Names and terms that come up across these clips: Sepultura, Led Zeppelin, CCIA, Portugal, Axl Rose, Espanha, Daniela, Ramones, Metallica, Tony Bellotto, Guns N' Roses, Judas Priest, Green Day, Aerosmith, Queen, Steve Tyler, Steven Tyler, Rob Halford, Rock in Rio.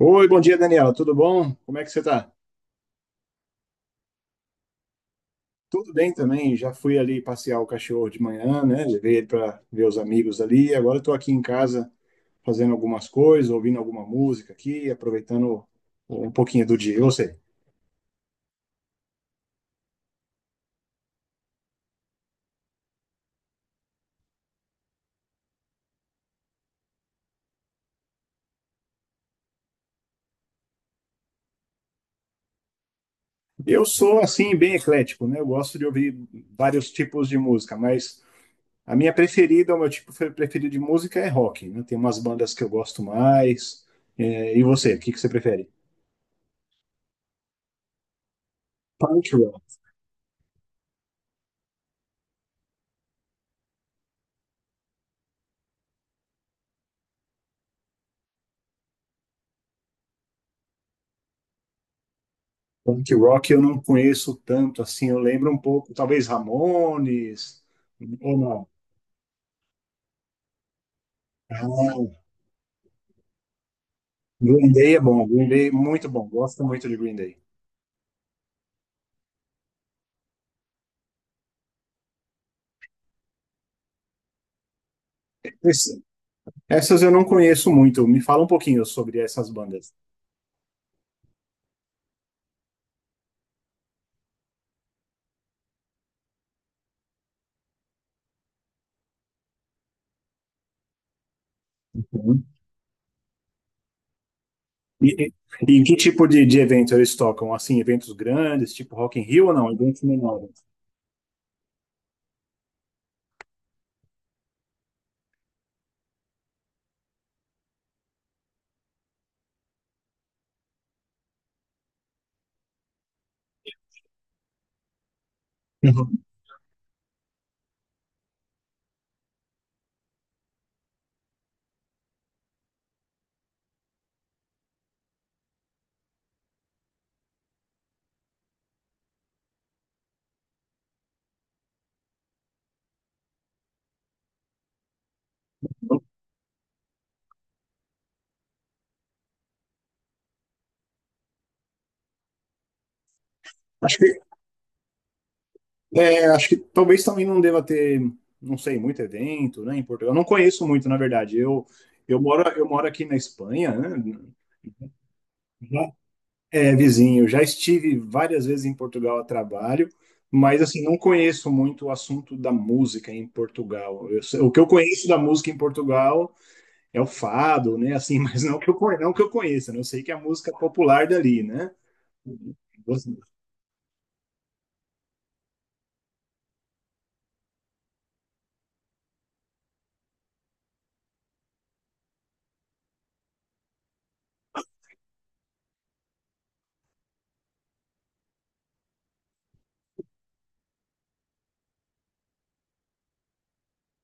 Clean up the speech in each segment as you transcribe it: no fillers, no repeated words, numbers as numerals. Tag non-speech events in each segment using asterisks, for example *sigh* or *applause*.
Oi, bom dia, Daniela. Tudo bom? Como é que você tá? Tudo bem também. Já fui ali passear o cachorro de manhã, né? Levei ele para ver os amigos ali. Agora eu tô aqui em casa fazendo algumas coisas, ouvindo alguma música aqui, aproveitando um pouquinho do dia. Eu sei. Eu sou assim bem eclético, né? Eu gosto de ouvir vários tipos de música, mas a minha preferida, o meu tipo preferido de música é rock, né? Tem umas bandas que eu gosto mais. É, e você, o que você prefere? Punk rock. Punk rock eu não conheço tanto assim, eu lembro um pouco, talvez Ramones, ou não. Não. Green Day é bom, Green Day é muito bom, gosto muito de Green Day. Esse- Essas eu não conheço muito, me fala um pouquinho sobre essas bandas. Uhum. E, e- e em que tipo de evento eles tocam? Assim, eventos grandes, tipo Rock in Rio ou não? Eventos menores? Uhum. Acho que, é, acho que talvez também não deva ter, não sei, muito evento, né, em Portugal. Eu não conheço muito, na verdade. Eu, eu moro aqui na Espanha, né? Já- É, vizinho, já estive várias vezes em Portugal a trabalho, mas assim, não conheço muito o assunto da música em Portugal. O que eu conheço da música em Portugal é o fado, né? Assim, *laughs* mas não que eu, não que eu conheça, né? Eu sei que é a música popular dali, né?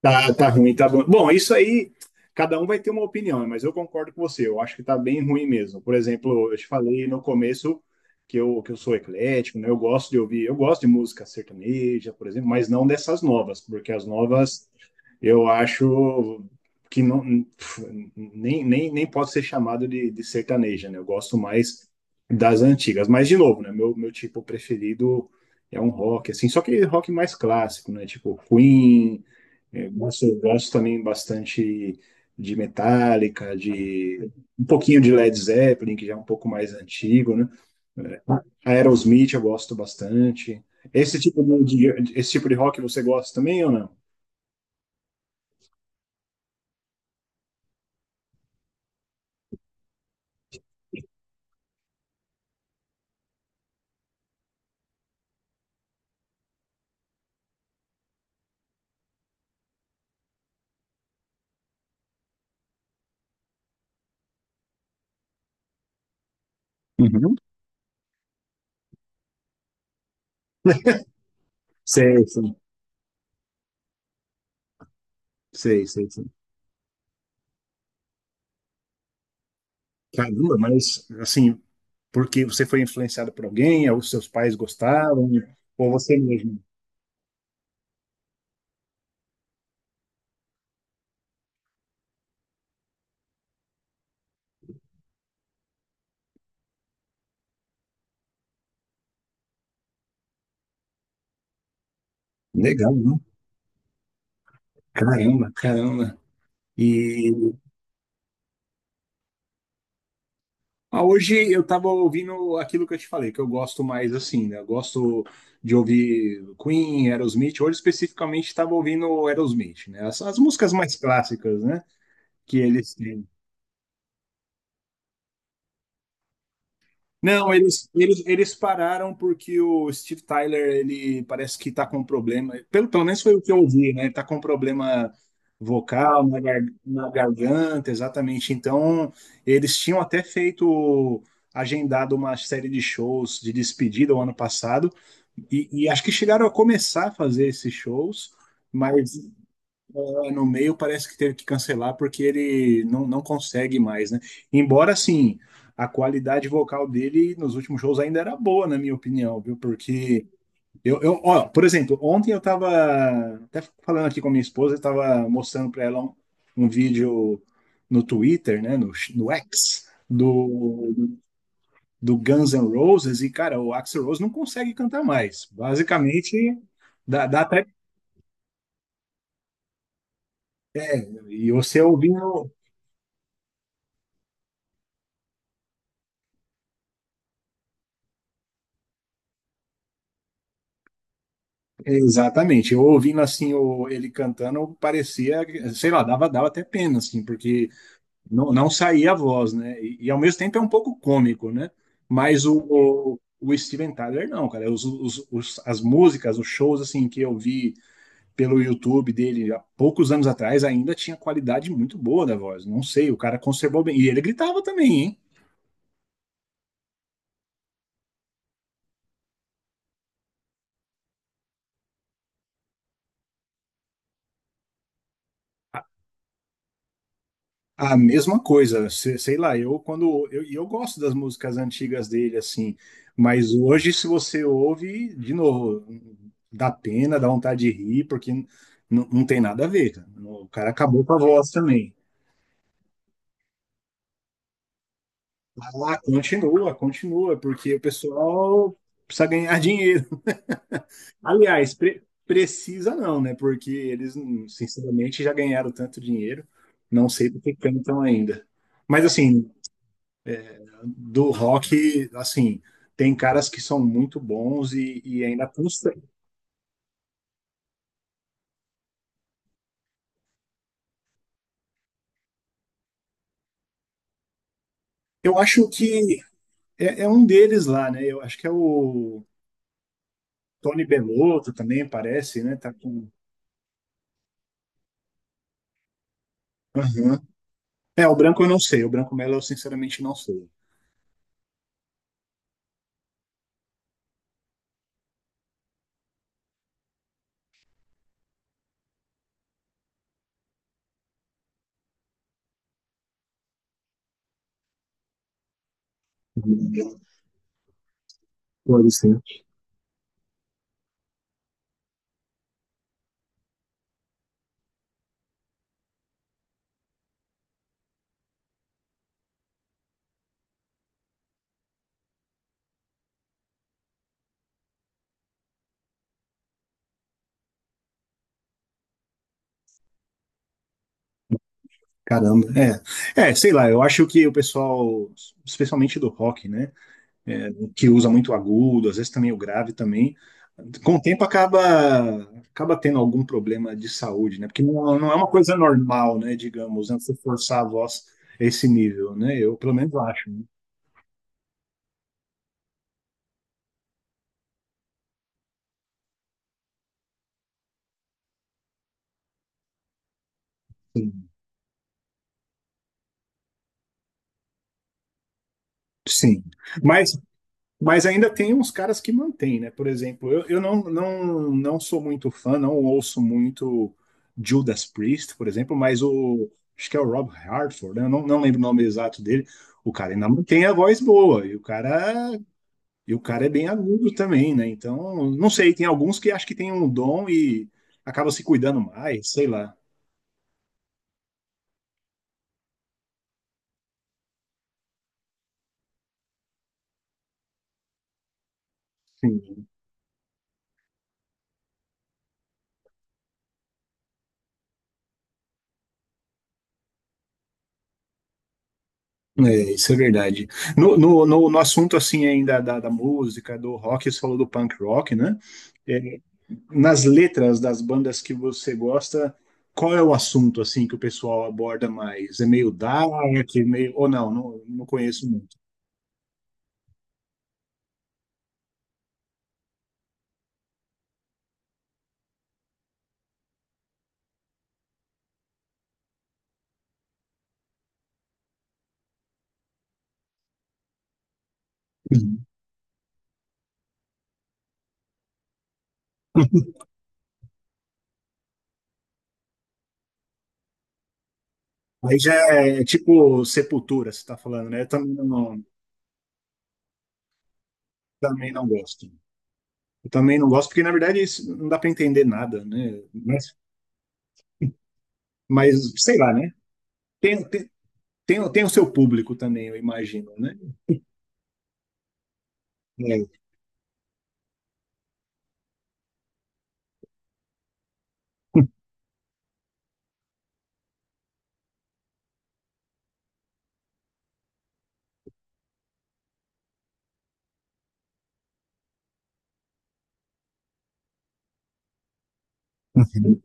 Tá, tá ruim, tá bom. Bom, isso aí, cada um vai ter uma opinião, né? Mas eu concordo com você. Eu acho que tá bem ruim mesmo. Por exemplo, eu te falei no começo que eu sou eclético, né? Eu gosto de ouvir, eu gosto de música sertaneja, por exemplo, mas não dessas novas, porque as novas eu acho que não, pf, nem pode ser chamado de sertaneja, né? Eu gosto mais das antigas. Mas, de novo, né? Meu tipo preferido é um rock, assim, só que rock mais clássico, né? Tipo Queen. Eu gosto também bastante de Metallica, de um pouquinho de Led Zeppelin, que já é um pouco mais antigo, né? Aerosmith eu gosto bastante. Esse tipo esse tipo de rock você gosta também ou não? Uhum. Sei, sim. Sei, sei, sim. Caramba, mas assim, porque você foi influenciado por alguém, ou seus pais gostavam, ou você mesmo? Legal, né? Caramba, caramba. E ah, hoje eu tava ouvindo aquilo que eu te falei, que eu gosto mais assim, né? Eu gosto de ouvir Queen, Aerosmith. Hoje especificamente tava ouvindo Aerosmith, né? As músicas mais clássicas, né? Que eles têm. Não, eles pararam porque o Steve Tyler, ele parece que tá com um problema. Pelo, pelo menos foi o que eu ouvi, né? Ele tá com um problema vocal na garganta, exatamente. Então, eles tinham até feito. Agendado uma série de shows de despedida o ano passado, e acho que chegaram a começar a fazer esses shows, mas no meio parece que teve que cancelar porque ele não, não consegue mais, né? Embora, assim, a qualidade vocal dele nos últimos shows ainda era boa, na minha opinião, viu? Porque eu ó, por exemplo, ontem eu tava até falando aqui com a minha esposa, eu tava mostrando para ela um vídeo no Twitter, né, no X, do, do Guns N' Roses e, cara, o Axl Rose não consegue cantar mais. Basicamente, dá, dá até. E você ouvindo. Exatamente, eu ouvindo assim o, ele cantando, parecia, sei lá, dava, dava até pena, assim, porque não, não saía a voz, né? E ao mesmo tempo é um pouco cômico, né? Mas o, o Steven Tyler, não, cara. As músicas, os shows, assim, que eu vi pelo YouTube dele há poucos anos atrás ainda tinha qualidade muito boa da voz. Não sei, o cara conservou bem. E ele gritava também, hein? A, a mesma coisa, sei, sei lá, eu quando eu gosto das músicas antigas dele assim, mas hoje se você ouve de novo, dá pena, dá vontade de rir, não tem nada a ver, cara. O cara acabou com a voz também. Ah, continua, continua, porque o pessoal precisa ganhar dinheiro. *laughs* Aliás, precisa não, né? Porque eles, sinceramente, já ganharam tanto dinheiro. Não sei do que cantam ainda. Mas, assim, do rock, assim, tem caras que são muito bons e ainda custa. Eu acho que é, é um deles lá, né? Eu acho que é o Tony Bellotto também, parece, né? Tá com... Aham. É, o branco eu não sei. O branco Melo eu, sinceramente, não sei. Pode ser. Caramba, é. É, sei lá, eu acho que o pessoal, especialmente do rock, né, é, que usa muito agudo, às vezes também o grave também, com o tempo acaba tendo algum problema de saúde, né? Porque não, não é uma coisa normal, né, digamos, né, você forçar a voz a esse nível, né? Eu pelo menos acho, né? Sim. Sim. Mas Mas ainda tem uns caras que mantêm, né? Por exemplo, eu não, não sou muito fã, não ouço muito Judas Priest, por exemplo, mas o. Acho que é o Rob Halford, né? Eu não, não lembro o nome exato dele. O cara ainda mantém a voz boa, e o cara é bem agudo também, né? Então, não sei, tem alguns que acho que tem um dom e acaba se cuidando mais, sei lá. Sim. É, isso é verdade. No assunto assim ainda da, da música, do rock, você falou do punk rock, né? Nas letras das bandas que você gosta, qual é o assunto assim que o pessoal aborda mais? É meio dark, é meio ou não? Não, não conheço muito. Uhum. Aí já é tipo Sepultura, você está falando, né? Eu também não gosto. Eu também não gosto porque na verdade isso não dá para entender nada, né? Mas sei lá, né? Tem, tem, tem o seu público também, eu imagino, né? É. Uhum.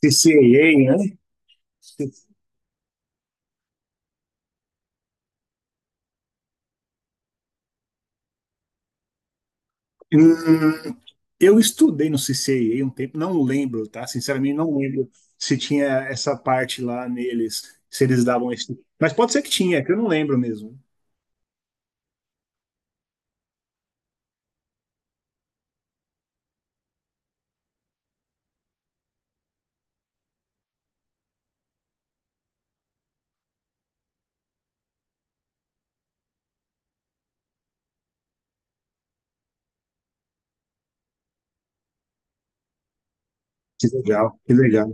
CCA, né? Hum, eu estudei no CCIA um tempo, não lembro, tá? Sinceramente, não lembro se tinha essa parte lá neles, se eles davam esse. Mas pode ser que tinha, é que eu não lembro mesmo. Que legal, que legal,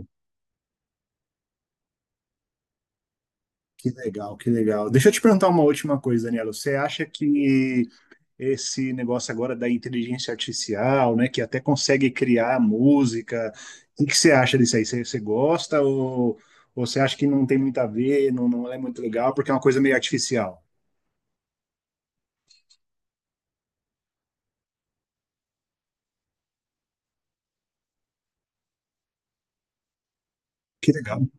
que legal. Deixa eu te perguntar uma última coisa, Daniela. Você acha que esse negócio agora da inteligência artificial, né, que até consegue criar música, o que você acha disso aí? Você, você gosta ou você acha que não tem muito a ver, não, não é muito legal, porque é uma coisa meio artificial? Que legal.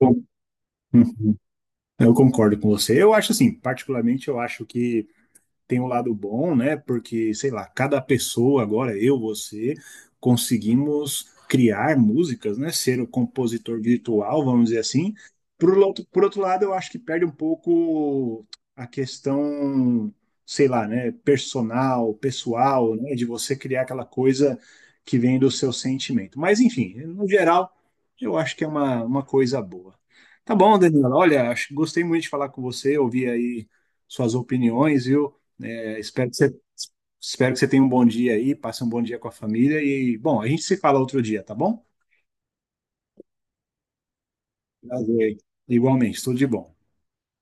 Bom, uhum, eu concordo com você. Eu acho assim, particularmente, eu acho que tem um lado bom, né? Porque, sei lá, cada pessoa agora, eu, você, conseguimos criar músicas, né? Ser o compositor virtual, vamos dizer assim. Por outro lado, eu acho que perde um pouco a questão, sei lá, né? Personal, pessoal, né? De você criar aquela coisa que vem do seu sentimento. Mas, enfim, no geral, eu acho que é uma coisa boa. Tá bom, Daniela? Olha, acho, gostei muito de falar com você, ouvir aí suas opiniões, viu? É, espero que você tenha um bom dia aí, passe um bom dia com a família e, bom, a gente se fala outro dia, tá bom? Prazer. Igualmente, tudo de bom.